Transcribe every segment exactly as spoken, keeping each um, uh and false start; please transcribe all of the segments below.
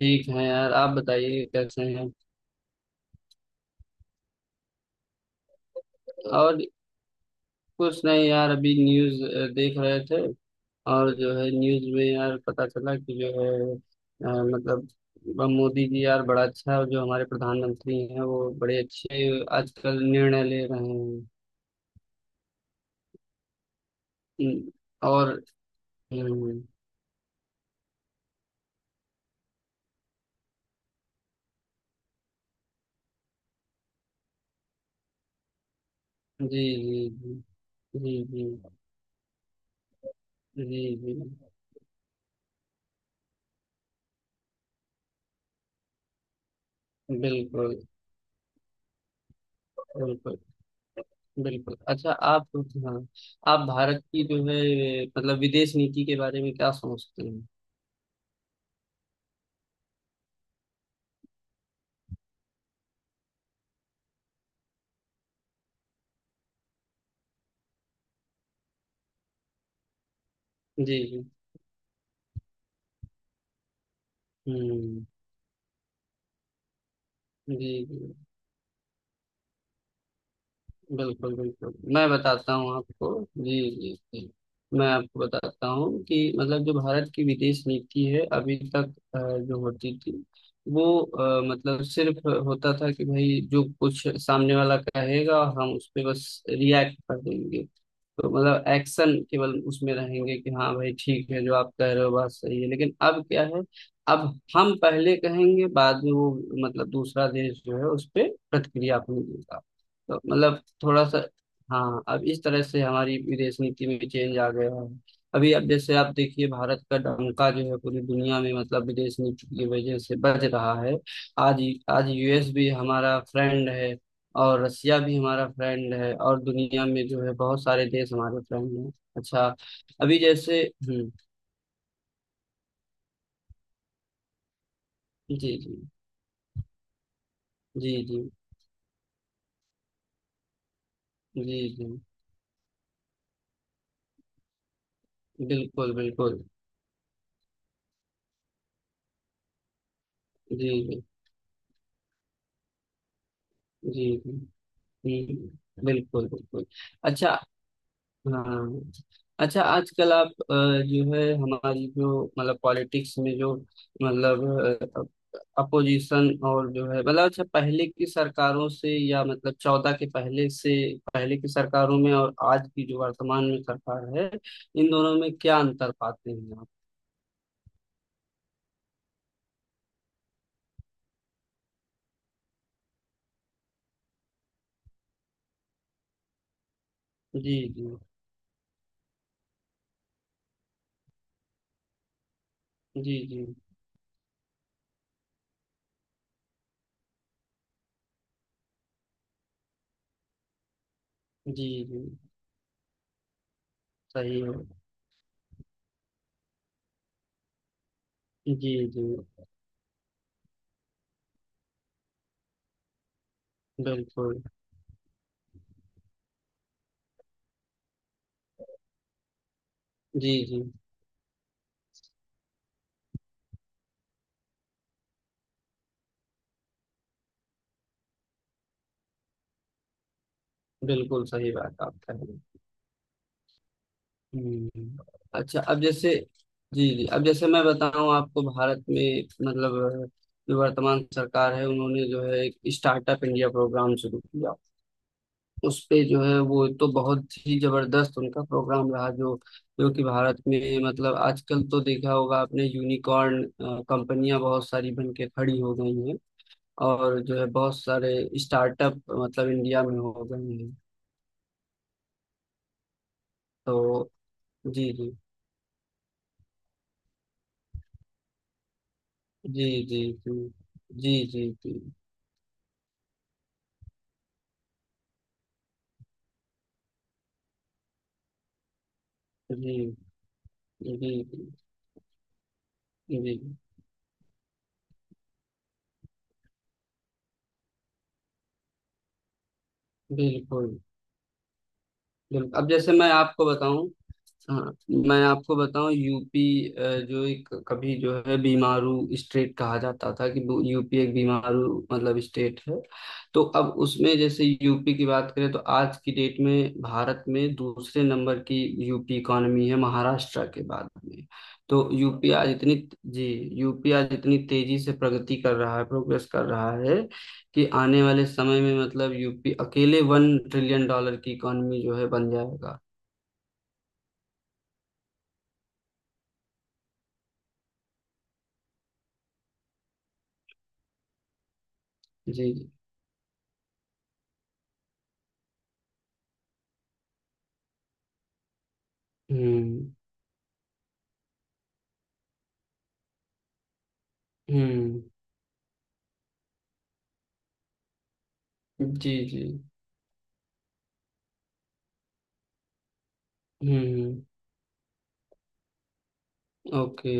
ठीक है यार, आप बताइए कैसे हैं। और कुछ नहीं यार, अभी न्यूज़ अ, देख रहे थे। और जो है न्यूज़ में यार, पता चला कि जो है अ, मतलब ब- मोदी जी यार बड़ा अच्छा, जो हमारे प्रधानमंत्री हैं वो बड़े अच्छे आजकल निर्णय ले रहे हैं। हम्म, और हम्म, जी जी जी। जी जी। जी जी। बिल्कुल। बिल्कुल। बिल्कुल, अच्छा आप, हाँ, आप भारत की जो है मतलब विदेश नीति के बारे में क्या सोचते हैं? जी, जी। हुँ। जी, जी। बिल्कुल बिल्कुल, मैं बताता हूँ आपको। जी जी जी। मैं आपको बताता हूँ कि मतलब जो भारत की विदेश नीति है अभी तक अ, जो होती थी वो अ, मतलब सिर्फ होता था कि भाई जो कुछ सामने वाला कहेगा हम उस पे बस रिएक्ट कर देंगे। तो मतलब एक्शन केवल उसमें रहेंगे कि हाँ भाई ठीक है, जो आप कह रहे हो बात सही है, लेकिन अब क्या है। अब हम पहले कहेंगे, बाद में वो मतलब दूसरा देश जो है उस पे प्रतिक्रिया अपनी देगा। तो मतलब थोड़ा सा, हाँ, अब इस तरह से हमारी विदेश नीति में चेंज आ गया है। अभी, अब जैसे आप देखिए, भारत का डंका जो है पूरी दुनिया में मतलब विदेश नीति की वजह से बज रहा है। आज आज यूएस भी हमारा फ्रेंड है, और रसिया भी हमारा फ्रेंड है, और दुनिया में जो है बहुत सारे देश हमारे फ्रेंड हैं। अच्छा, अभी जैसे हम्म। जी जी जी। जी जी जी। बिल्कुल बिल्कुल। जी जी जी जी। हम्म, बिल्कुल बिल्कुल। अच्छा, हाँ। अच्छा, आजकल आप अ, जो है हमारी जो मतलब पॉलिटिक्स में जो मतलब अपोजिशन, और जो है मतलब, अच्छा, पहले की सरकारों से, या मतलब चौदह के पहले से, पहले की सरकारों में और आज की जो वर्तमान में सरकार है, इन दोनों में क्या अंतर पाते हैं आप? जी जी जी। जी जी जी। सही है। जी जी बिल्कुल। जी जी। बिल्कुल सही बात आप कह रहे हैं। हम्म, अच्छा, अब जैसे जी जी, अब जैसे मैं बताऊं आपको, भारत में मतलब जो वर्तमान सरकार है उन्होंने जो है एक स्टार्टअप इंडिया प्रोग्राम शुरू किया। उस पे जो है वो तो बहुत ही जबरदस्त उनका प्रोग्राम रहा, जो जो कि भारत में मतलब आजकल तो देखा होगा आपने, यूनिकॉर्न कंपनियां बहुत सारी बन के खड़ी हो गई हैं, और जो है बहुत सारे स्टार्टअप मतलब इंडिया में हो गए हैं। तो जी जी जी। जी जी जी। जी जी जी। जी जी। बिल्कुल बिल्कुल। अब जैसे मैं आपको बताऊं, हाँ, मैं आपको बताऊं, यूपी अ, जो एक कभी जो है बीमारू स्टेट कहा जाता था कि वो यूपी एक बीमारू मतलब स्टेट है। तो अब उसमें जैसे यूपी की बात करें, तो आज की डेट में भारत में दूसरे नंबर की यूपी इकॉनमी है, महाराष्ट्र के बाद में। तो यूपी आज इतनी जी। यूपी आज इतनी तेजी से प्रगति कर रहा है, प्रोग्रेस कर रहा है कि आने वाले समय में मतलब यूपी अकेले वन ट्रिलियन डॉलर की इकॉनमी जो है बन जाएगा। जी जी। हम्म हम्म। जी जी। हम्म। ओके।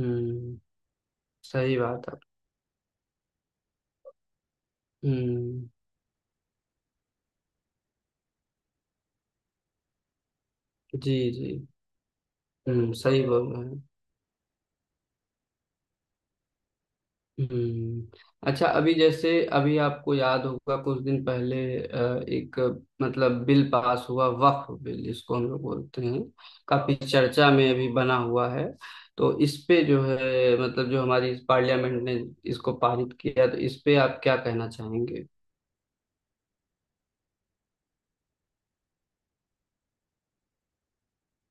हम्म, सही बात है। हम्म, जी जी। हम्म, सही बोल रहे हैं। हम्म, अच्छा, अभी जैसे, अभी आपको याद होगा, कुछ दिन पहले अ, एक मतलब बिल पास हुआ, वक्फ बिल इसको हम लोग बोलते हैं, काफी चर्चा में अभी बना हुआ है। तो इस पे जो है मतलब जो हमारी पार्लियामेंट ने इसको पारित किया, तो इस पे आप क्या कहना चाहेंगे?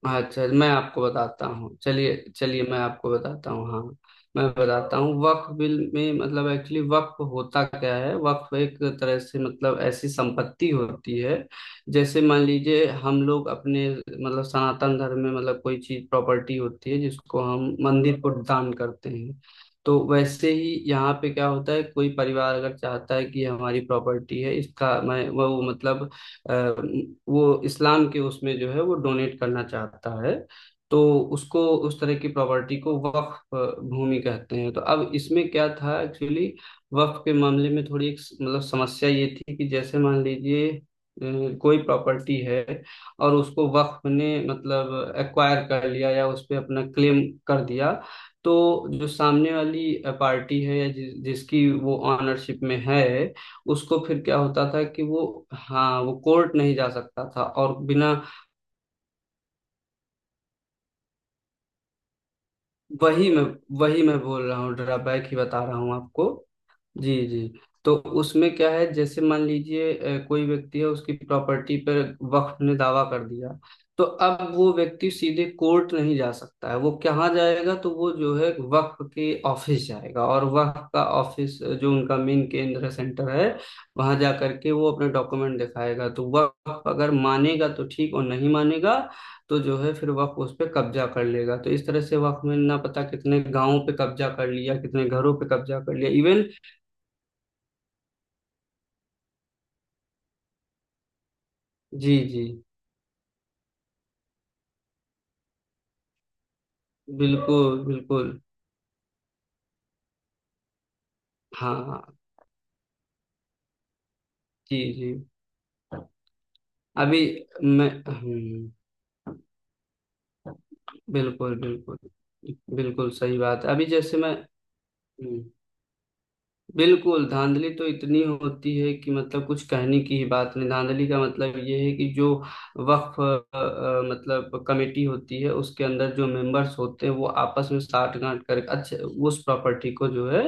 अच्छा, मैं आपको बताता हूँ, चलिए चलिए, मैं आपको बताता हूँ। हाँ, मैं बताता हूँ, वक्फ बिल में मतलब एक्चुअली वक्फ होता क्या है, वक्फ एक तरह से मतलब ऐसी संपत्ति होती है। जैसे मान लीजिए, हम लोग अपने मतलब सनातन धर्म में मतलब कोई चीज प्रॉपर्टी होती है जिसको हम मंदिर को दान करते हैं। तो वैसे ही यहाँ पे क्या होता है, कोई परिवार अगर चाहता है कि हमारी प्रॉपर्टी है, इसका मैं वो मतलब अ, वो इस्लाम के उसमें जो है वो डोनेट करना चाहता है। तो उसको, उस तरह की प्रॉपर्टी को वक्फ अ, भूमि कहते हैं। तो अब इसमें क्या था एक्चुअली, वक्फ के मामले में थोड़ी एक स- मतलब समस्या ये थी कि जैसे मान लीजिए अ, कोई प्रॉपर्टी है, और उसको वक्फ ने मतलब एक्वायर कर लिया या उस पे अपना क्लेम कर दिया। तो जो सामने वाली पार्टी है, या जि, जिसकी वो ऑनरशिप में है, उसको फिर क्या होता था कि वो, हाँ, वो कोर्ट नहीं जा सकता था, और बिना, वही मैं वही मैं बोल रहा हूँ, ड्रा बैक ही बता रहा हूँ आपको। जी जी। तो उसमें क्या है, जैसे मान लीजिए अ, कोई व्यक्ति है, उसकी प्रॉपर्टी पर वक्फ ने दावा कर दिया। तो अब वो व्यक्ति सीधे कोर्ट नहीं जा सकता है, वो कहाँ जाएगा, तो वो जो है वक्फ के ऑफिस जाएगा, और वक्फ का ऑफिस अ, जो उनका मेन केंद्र है, सेंटर है, वहां जा करके वो अपना डॉक्यूमेंट दिखाएगा, तो वक्फ अगर मानेगा तो ठीक, और नहीं मानेगा तो जो है फिर वक्फ उस पर कब्जा कर लेगा। तो इस तरह से वक्फ में ना पता कितने गांवों पे कब्जा कर लिया, कितने घरों पे कब्जा कर लिया, इवन, जी जी। बिल्कुल बिल्कुल। हाँ हाँ। जी जी। अभी मैं हम्म, बिल्कुल बिल्कुल। बिल्कुल सही बात है, अभी जैसे मैं हम्म, बिल्कुल, धांधली तो इतनी होती है कि मतलब कुछ कहने की ही बात नहीं, धांधली का मतलब ये है कि जो वक्फ अ, अ, मतलब कमेटी होती है, उसके अंदर जो मेंबर्स होते हैं वो आपस में साठगांठ करके अच्छे, उस प्रॉपर्टी को जो है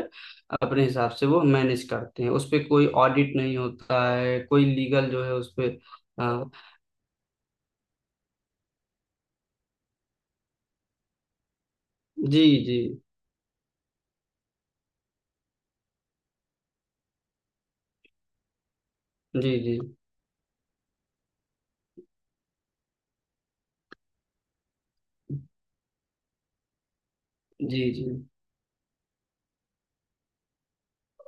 अपने हिसाब से वो मैनेज करते हैं, उस पे कोई ऑडिट नहीं होता है, कोई लीगल जो है उस पे अ, जी जी जी। जी जी जी।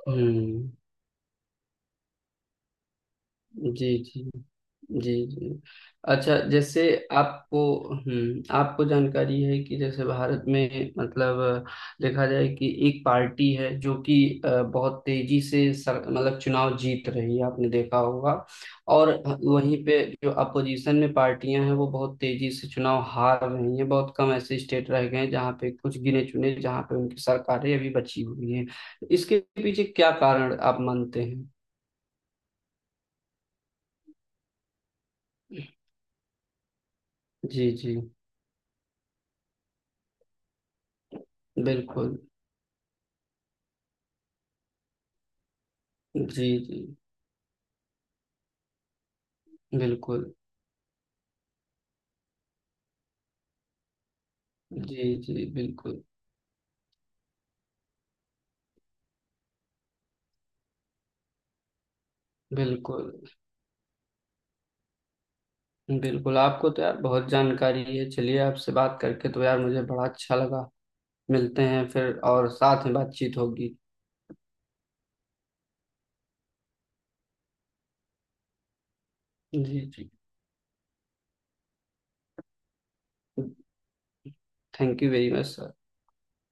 हम्म, जी जी। जी जी। अच्छा, जैसे आपको हम्म आपको जानकारी है कि जैसे भारत में मतलब अ, देखा जाए कि एक पार्टी है जो कि अ, बहुत तेजी से सर, मतलब चुनाव जीत रही है, आपने देखा होगा। और वहीं पे जो अपोजिशन में पार्टियां हैं वो बहुत तेजी से चुनाव हार रही हैं, बहुत कम ऐसे स्टेट रह गए हैं जहाँ पे कुछ गिने चुने, जहाँ पे उनकी सरकारें अभी बची हुई हैं। इसके पीछे क्या कारण आप मानते हैं? जी जी बिल्कुल। जी जी बिल्कुल। जी जी बिल्कुल बिल्कुल। बिल्कुल, आपको तो यार बहुत जानकारी है, चलिए, आपसे बात करके तो यार मुझे बड़ा अच्छा लगा। मिलते हैं फिर, और साथ में बातचीत होगी। जी जी। Thank you very much sir.